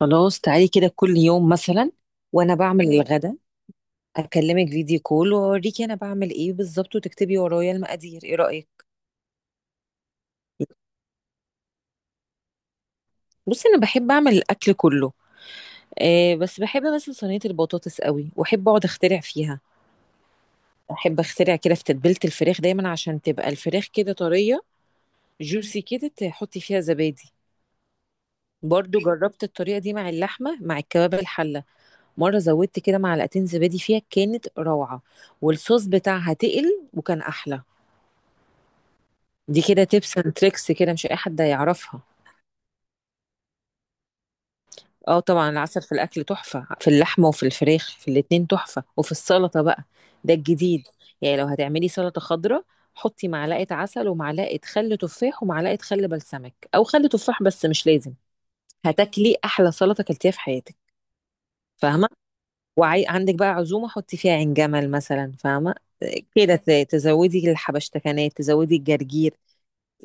خلاص تعالي كده كل يوم مثلا وانا بعمل الغدا اكلمك فيديو كول واوريكي انا بعمل ايه بالظبط وتكتبي ورايا المقادير، ايه رأيك؟ بصي انا بحب اعمل الاكل كله. آه بس بحب مثلا صينية البطاطس قوي واحب اقعد اخترع فيها. احب اخترع كده في تتبيلة الفراخ دايما عشان تبقى الفراخ كده طرية جوسي كده، تحطي فيها زبادي. برضو جربت الطريقة دي مع اللحمة مع الكباب الحلة. مرة زودت كده معلقتين زبادي فيها كانت روعة والصوص بتاعها تقل وكان احلى. دي كده تيبس اند تريكس كده، مش اي حد هيعرفها. اه طبعا العسل في الاكل تحفه، في اللحمه وفي الفراخ في الاتنين تحفه وفي السلطه بقى ده الجديد. يعني لو هتعملي سلطه خضراء حطي معلقه عسل ومعلقه خل تفاح ومعلقه خل بلسمك او خل تفاح، بس مش لازم. هتاكلي احلى سلطه اكلتيها في حياتك. فاهمه؟ وعندك بقى عزومه حطي فيها عين جمل مثلا، فاهمه؟ كده تزودي الحبشتكنات، تزودي الجرجير،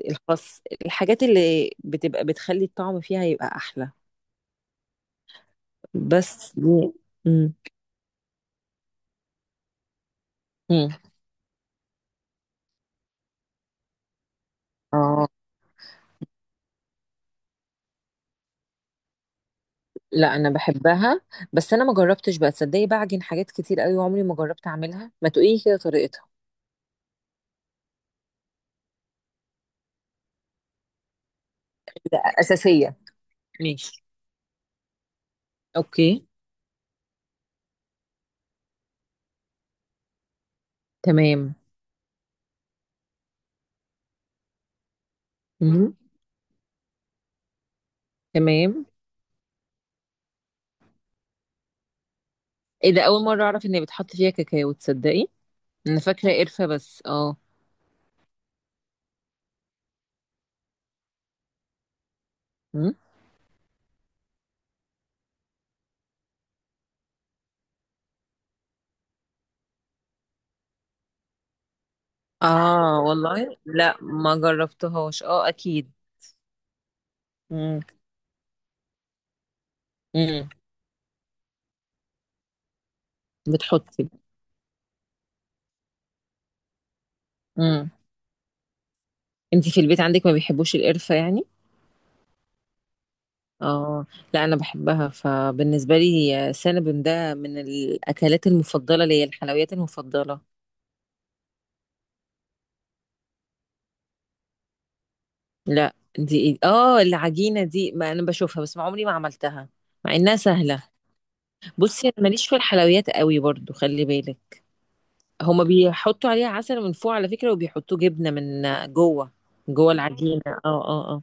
الخس، الحاجات اللي بتبقى بتخلي الطعم فيها يبقى احلى. بس دي. مم. مم. اه. لا انا بحبها. بس انا ما جربتش بقى، تصدقي بعجن حاجات كتير قوي عمري ما جربت اعملها، ما تقولي كده طريقتها. ده اساسيه. ماشي. اوكي. تمام. مم. تمام. ايه ده، اول مره اعرف ان بتحط فيها كاكاو، تصدقي؟ انا فاكره قرفه بس اه. مم. اه والله لا ما جربتهاش، اه اكيد. مم. مم. بتحطي. مم. انتي في البيت عندك ما بيحبوش القرفه يعني؟ اه. لا انا بحبها، فبالنسبه لي هي سينابون ده من الاكلات المفضله ليا، الحلويات المفضله. لا دي اه العجينه دي، ما انا بشوفها بس ما عمري ما عملتها مع انها سهله. بصي انا ماليش في الحلويات قوي برضو، خلي بالك. هما بيحطوا عليها عسل من فوق على فكره، وبيحطوا جبنه من جوه. جوه العجينه اه اه اه.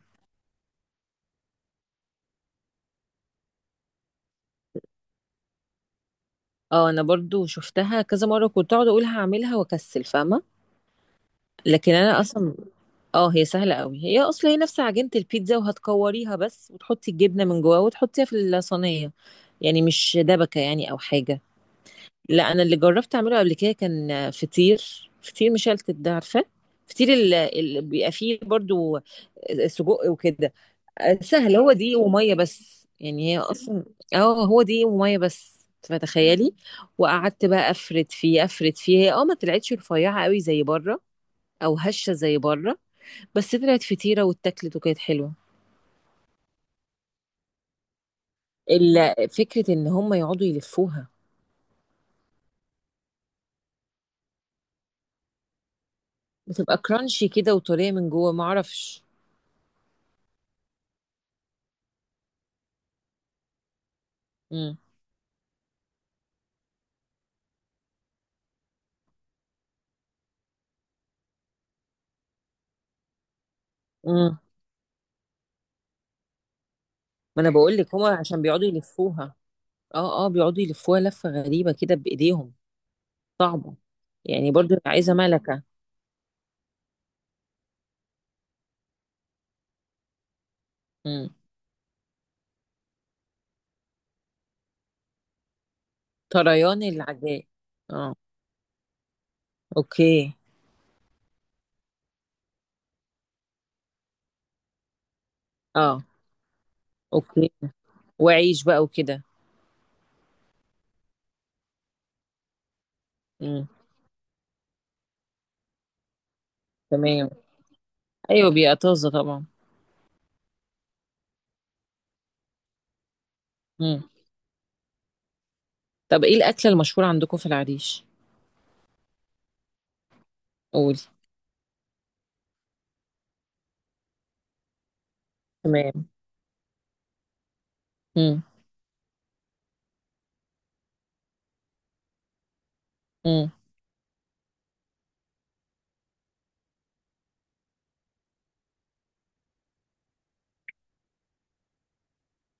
اه انا برضو شفتها كذا مره كنت اقعد اقول هعملها واكسل، فاهمه؟ لكن انا اصلا. اه هي سهلة قوي، هي اصلا هي نفس عجينة البيتزا وهتكوريها بس وتحطي الجبنة من جواها وتحطيها في الصينية. يعني مش دبكة يعني او حاجة. لا انا اللي جربت اعمله قبل كده كان فطير، فطير مشلتت ده، عارفة؟ فطير اللي بيبقى فيه برضو سجق وكده. آه، سهل، هو دقيق ومية بس، يعني هي اصلا. اه هو دقيق ومية بس، فتخيلي. وقعدت بقى افرد فيه افرد فيه، هي اه ما طلعتش رفيعة قوي زي بره او هشة زي بره، بس طلعت فطيرة واتاكلت وكانت حلوة. فكرة ان هم يقعدوا يلفوها. بتبقى كرانشي كده وطرية من جوه، ما اعرفش. امم. امم. ما انا بقول لك هم عشان بيقعدوا يلفوها، اه اه بيقعدوا يلفوها لفة غريبة كده بايديهم، صعبة. يعني برضو عايزة ملكة. امم. طريان العجاء. اه. اوكي. اه. اوكي. وعيش بقى وكده. امم. تمام. ايوه بيبقى طازة طبعا. امم. طب ايه الاكلة المشهورة عندكم في العريش؟ قولي. تمام. امم.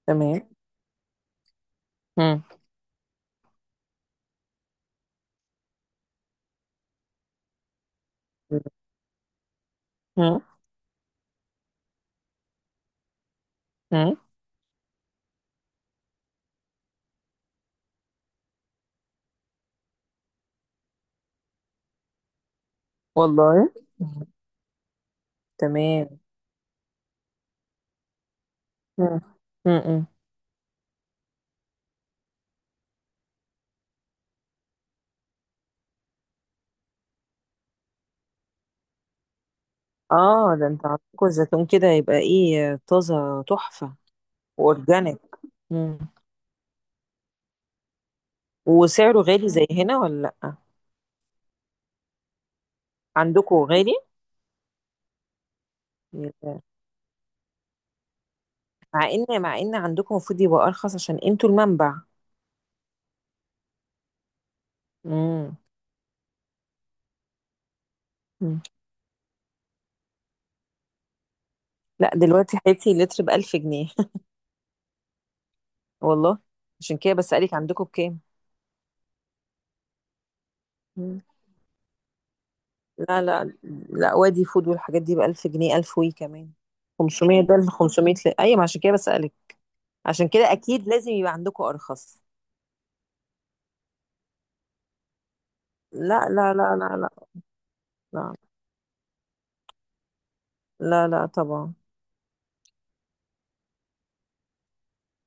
تمام. مم. مم. مم. والله. مم. تمام. مم. مم. اه ده انت عندكم الزيتون كده يبقى ايه، طازة تحفة. واورجانيك. مم. وسعره غالي زي هنا ولا لأ؟ عندكم غالي. يبقى- مع ان عندكم المفروض يبقى ارخص عشان انتوا المنبع. مم. مم. لا دلوقتي حياتي لتر بألف جنيه. والله. عشان كده بسألك عندكم بكام. لا لا لا، وادي فود والحاجات دي بألف جنيه، ألف وي كمان. 500، ده ال 500 ل... أيوة، ما عشان كده بسألك. عشان كده أكيد لازم يبقى عندكم أرخص. لا لا لا لا لا. لا, لا لا طبعا.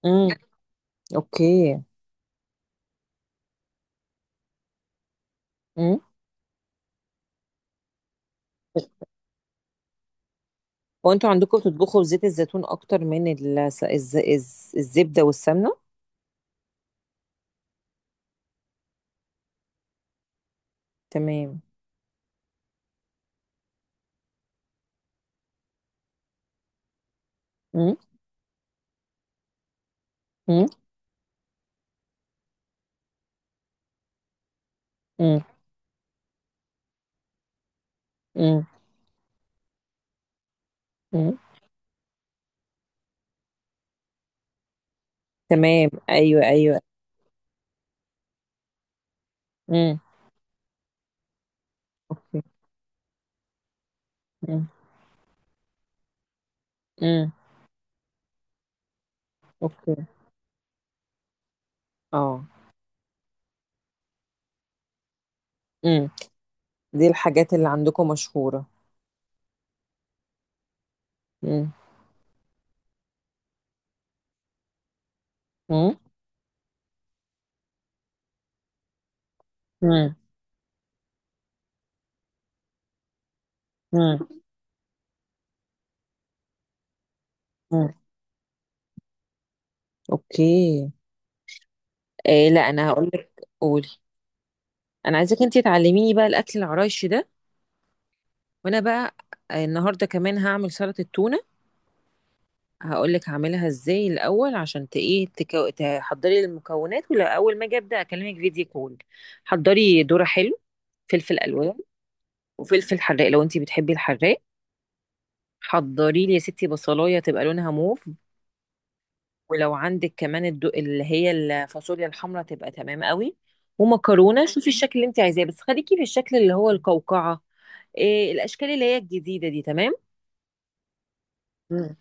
امم. أوكي. امم. وأنتوا عندكم بتطبخوا بزيت الزيتون أكتر من الزبدة والسمنة؟ تمام. امم. امم. امم. امم. أمم. تمام أيوة أيوة. امم. امم. امم. أوكي. اه. امم. دي الحاجات اللي عندكم مشهورة. امم. مم؟ مم. مم. مم. اوكي. إيه لا انا هقول لك، قولي. انا عايزاك انتي تعلميني بقى الاكل العرايشي ده. وانا بقى آه، النهارده كمان هعمل سلطه التونه. هقول لك هعملها ازاي الاول عشان ت- ايه تحضري المكونات، ولا اول ما اجي ابدا اكلمك فيديو كول. حضري ذره حلو، فلفل الوان، وفلفل حراق لو انتي بتحبي الحراق. حضري لي يا ستي بصلايه تبقى لونها موف. ولو عندك كمان اللي هي الفاصوليا الحمراء تبقى تمام قوي. ومكرونه، شوفي الشكل اللي انت عايزاه بس خليكي في الشكل اللي هو القوقعه. إيه الاشكال اللي هي الجديده دي تمام. مم.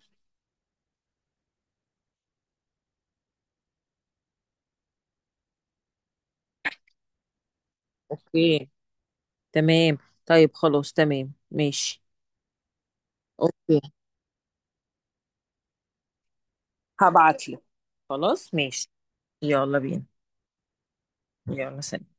اوكي. تمام. طيب خلاص تمام ماشي. اوكي هبعت لك. خلاص ماشي. يلا بينا. يلا سلام.